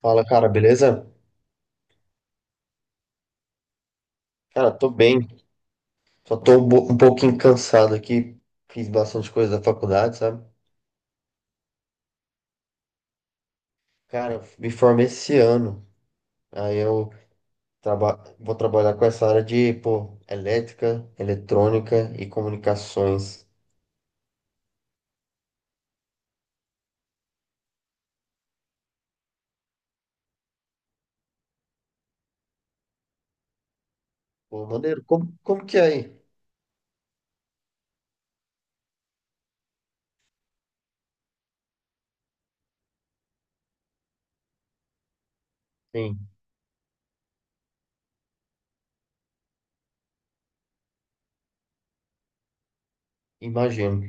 Fala, cara, beleza? Cara, tô bem. Só tô um pouquinho cansado aqui. Fiz bastante coisa da faculdade, sabe? Cara, eu me formei esse ano. Aí eu traba vou trabalhar com essa área de, pô, elétrica, eletrônica e comunicações. Pô, maneiro, como que é aí? Sim, imagino.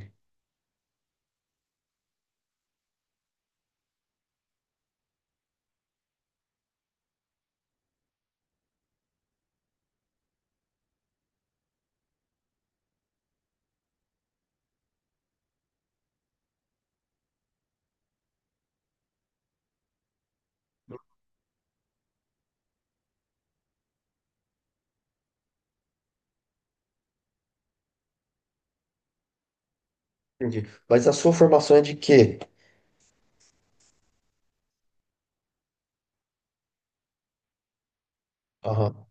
Entendi. Mas a sua formação é de quê? Aham.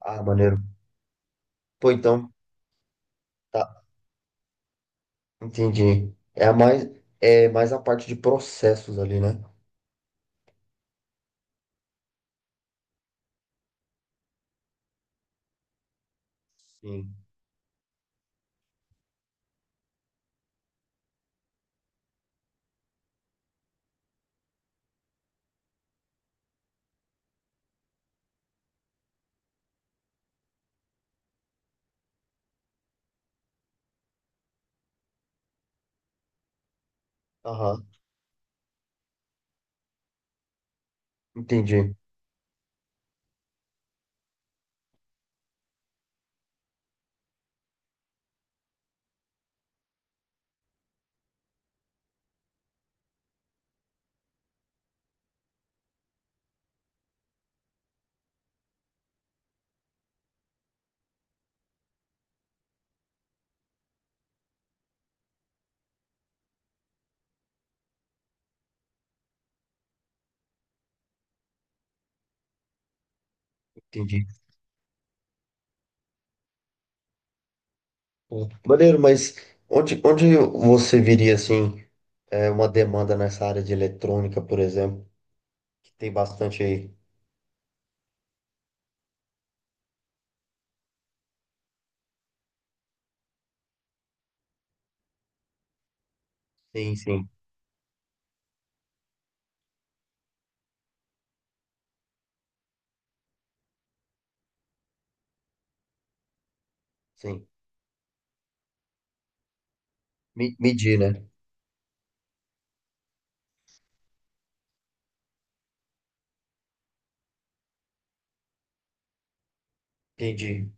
Ah, maneiro. Pô, então, tá, entendi. É mais a parte de processos ali, né? Sim. Aham. Entendi, entendi. Pô, maneiro, mas onde você viria, assim, uma demanda nessa área de eletrônica, por exemplo, que tem bastante aí? Sim, sim, sim. Medir, né? Entendi.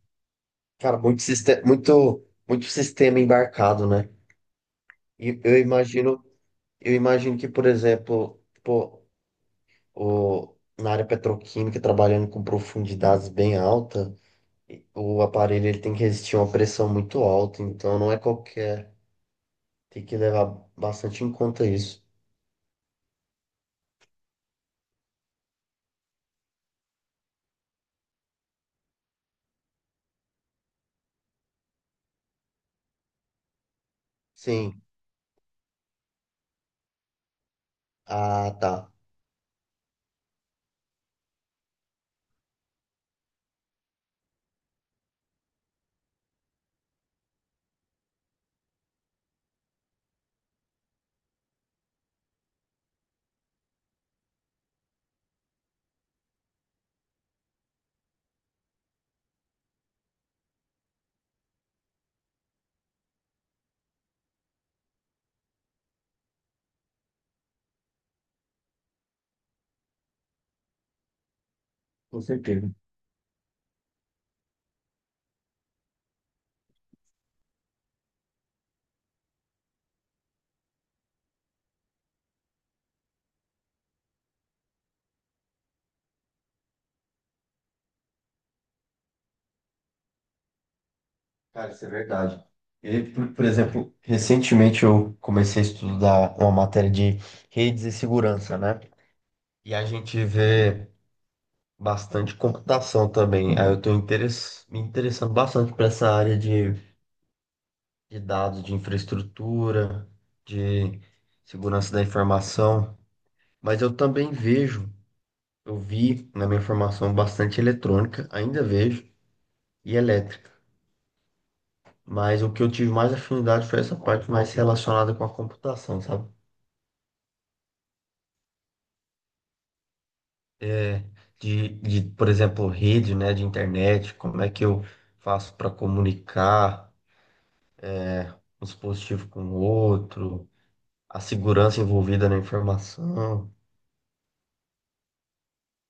Cara, muito sistema, muito sistema embarcado, né? E eu imagino que, por exemplo, pô, na área petroquímica, trabalhando com profundidades bem altas, o aparelho ele tem que resistir a uma pressão muito alta, então não é qualquer. Tem que levar bastante em conta isso. Sim. Ah, tá. Com certeza. Cara, isso é verdade. Eu, por exemplo, recentemente eu comecei a estudar uma matéria de redes e segurança, né? E a gente vê bastante computação também. Aí eu estou me interessando bastante para essa área de dados, de infraestrutura, de segurança da informação. Mas eu também vejo, eu vi na minha formação bastante eletrônica, ainda vejo e elétrica. Mas o que eu tive mais afinidade foi essa parte mais relacionada com a computação, sabe? É, de, por exemplo, rede, né, de internet, como é que eu faço para comunicar um dispositivo com o outro, a segurança envolvida na informação.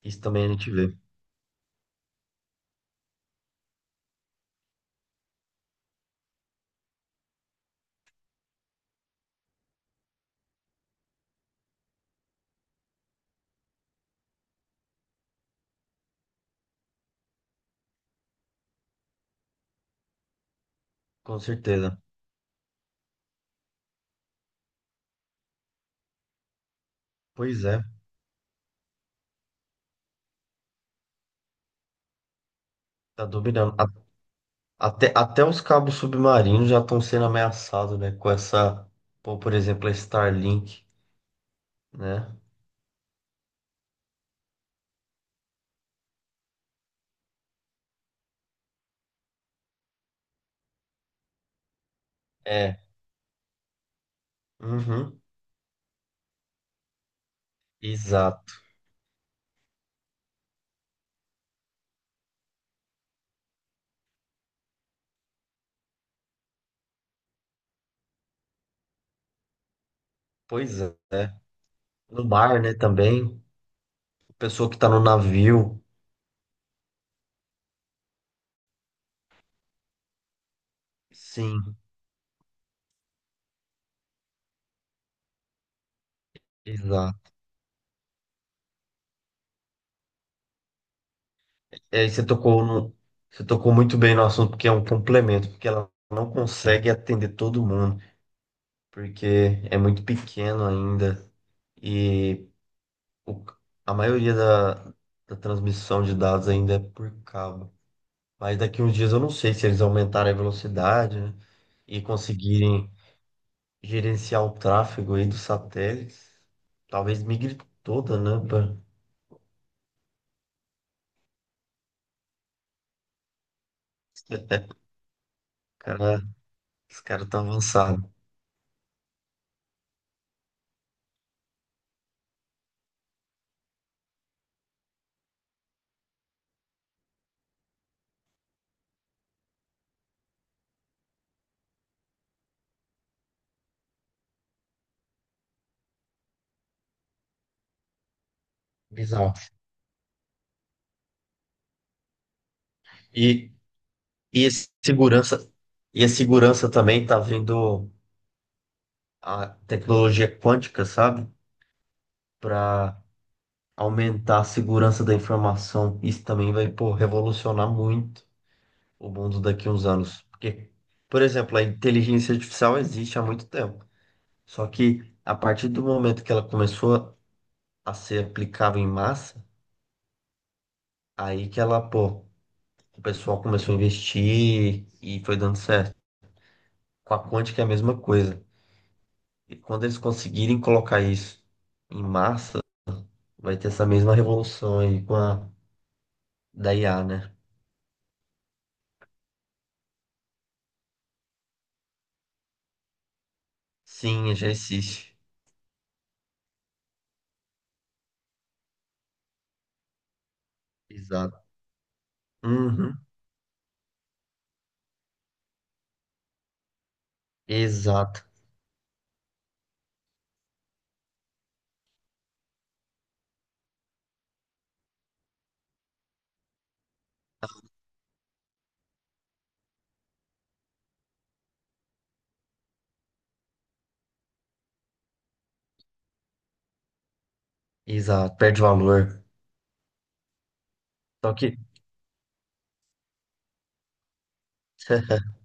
Isso também a gente vê, com certeza. Pois é, tá dominando. Até, os cabos submarinos já estão sendo ameaçados, né, com essa, pô, por exemplo, a Starlink, né? É. Uhum. Exato. Pois é. No bar, né, também. Pessoa que tá no navio. Sim, exato. E aí você tocou no, você tocou muito bem no assunto, porque é um complemento, porque ela não consegue atender todo mundo, porque é muito pequeno ainda. E o- a maioria da transmissão de dados ainda é por cabo. Mas daqui uns dias eu não sei se eles aumentarem a velocidade, né, e conseguirem gerenciar o tráfego aí dos satélites. Talvez migre toda, né? Pra... Cara, esse cara tá avançado. Bizarro. E, e a segurança, e a segurança também tá vindo a tecnologia quântica, sabe? Para aumentar a segurança da informação. Isso também vai, pô, revolucionar muito o mundo daqui a uns anos. Porque, por exemplo, a inteligência artificial existe há muito tempo. Só que a partir do momento que ela começou a ser aplicável em massa, aí que ela, pô, o pessoal começou a investir e foi dando certo. Com a Quantic é a mesma coisa. E quando eles conseguirem colocar isso em massa, vai ter essa mesma revolução aí com a da IA, né? Sim, já existe. Exato. Uhum. Exato. Exato. Perde valor. Só que.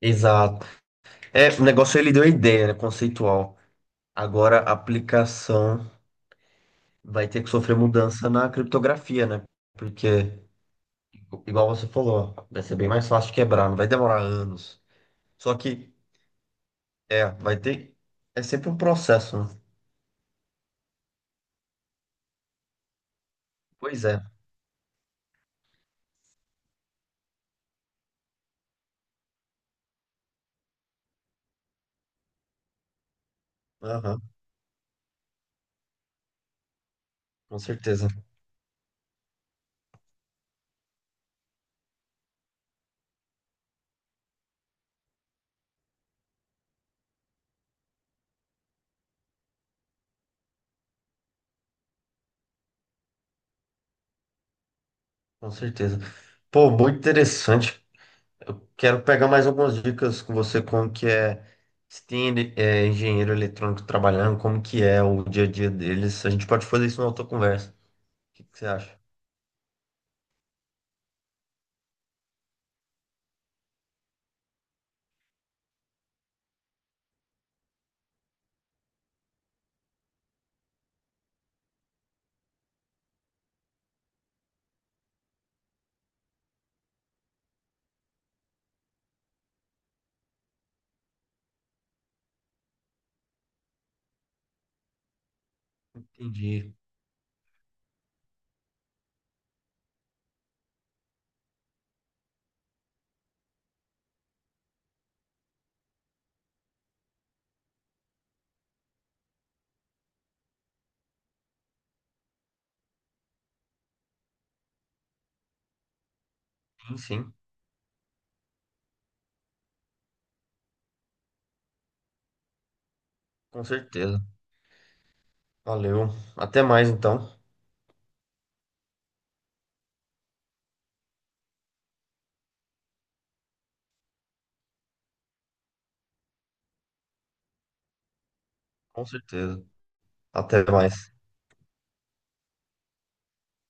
Exato. É, o negócio ele deu a ideia, né? Conceitual. Agora a aplicação vai ter que sofrer mudança na criptografia, né? Porque igual você falou, vai ser bem mais fácil de quebrar, não vai demorar anos. Só que, é, vai ter. É sempre um processo, né? Pois é. Aham, com certeza, com certeza. Pô, muito interessante. Eu quero pegar mais algumas dicas com você, como que é, se tem é, engenheiro eletrônico trabalhando, como que é o dia a dia deles. A gente pode fazer isso na outra conversa. O que que você acha? Entendi. Sim, sim, com certeza. Valeu. Até mais, então. Com certeza. Até mais.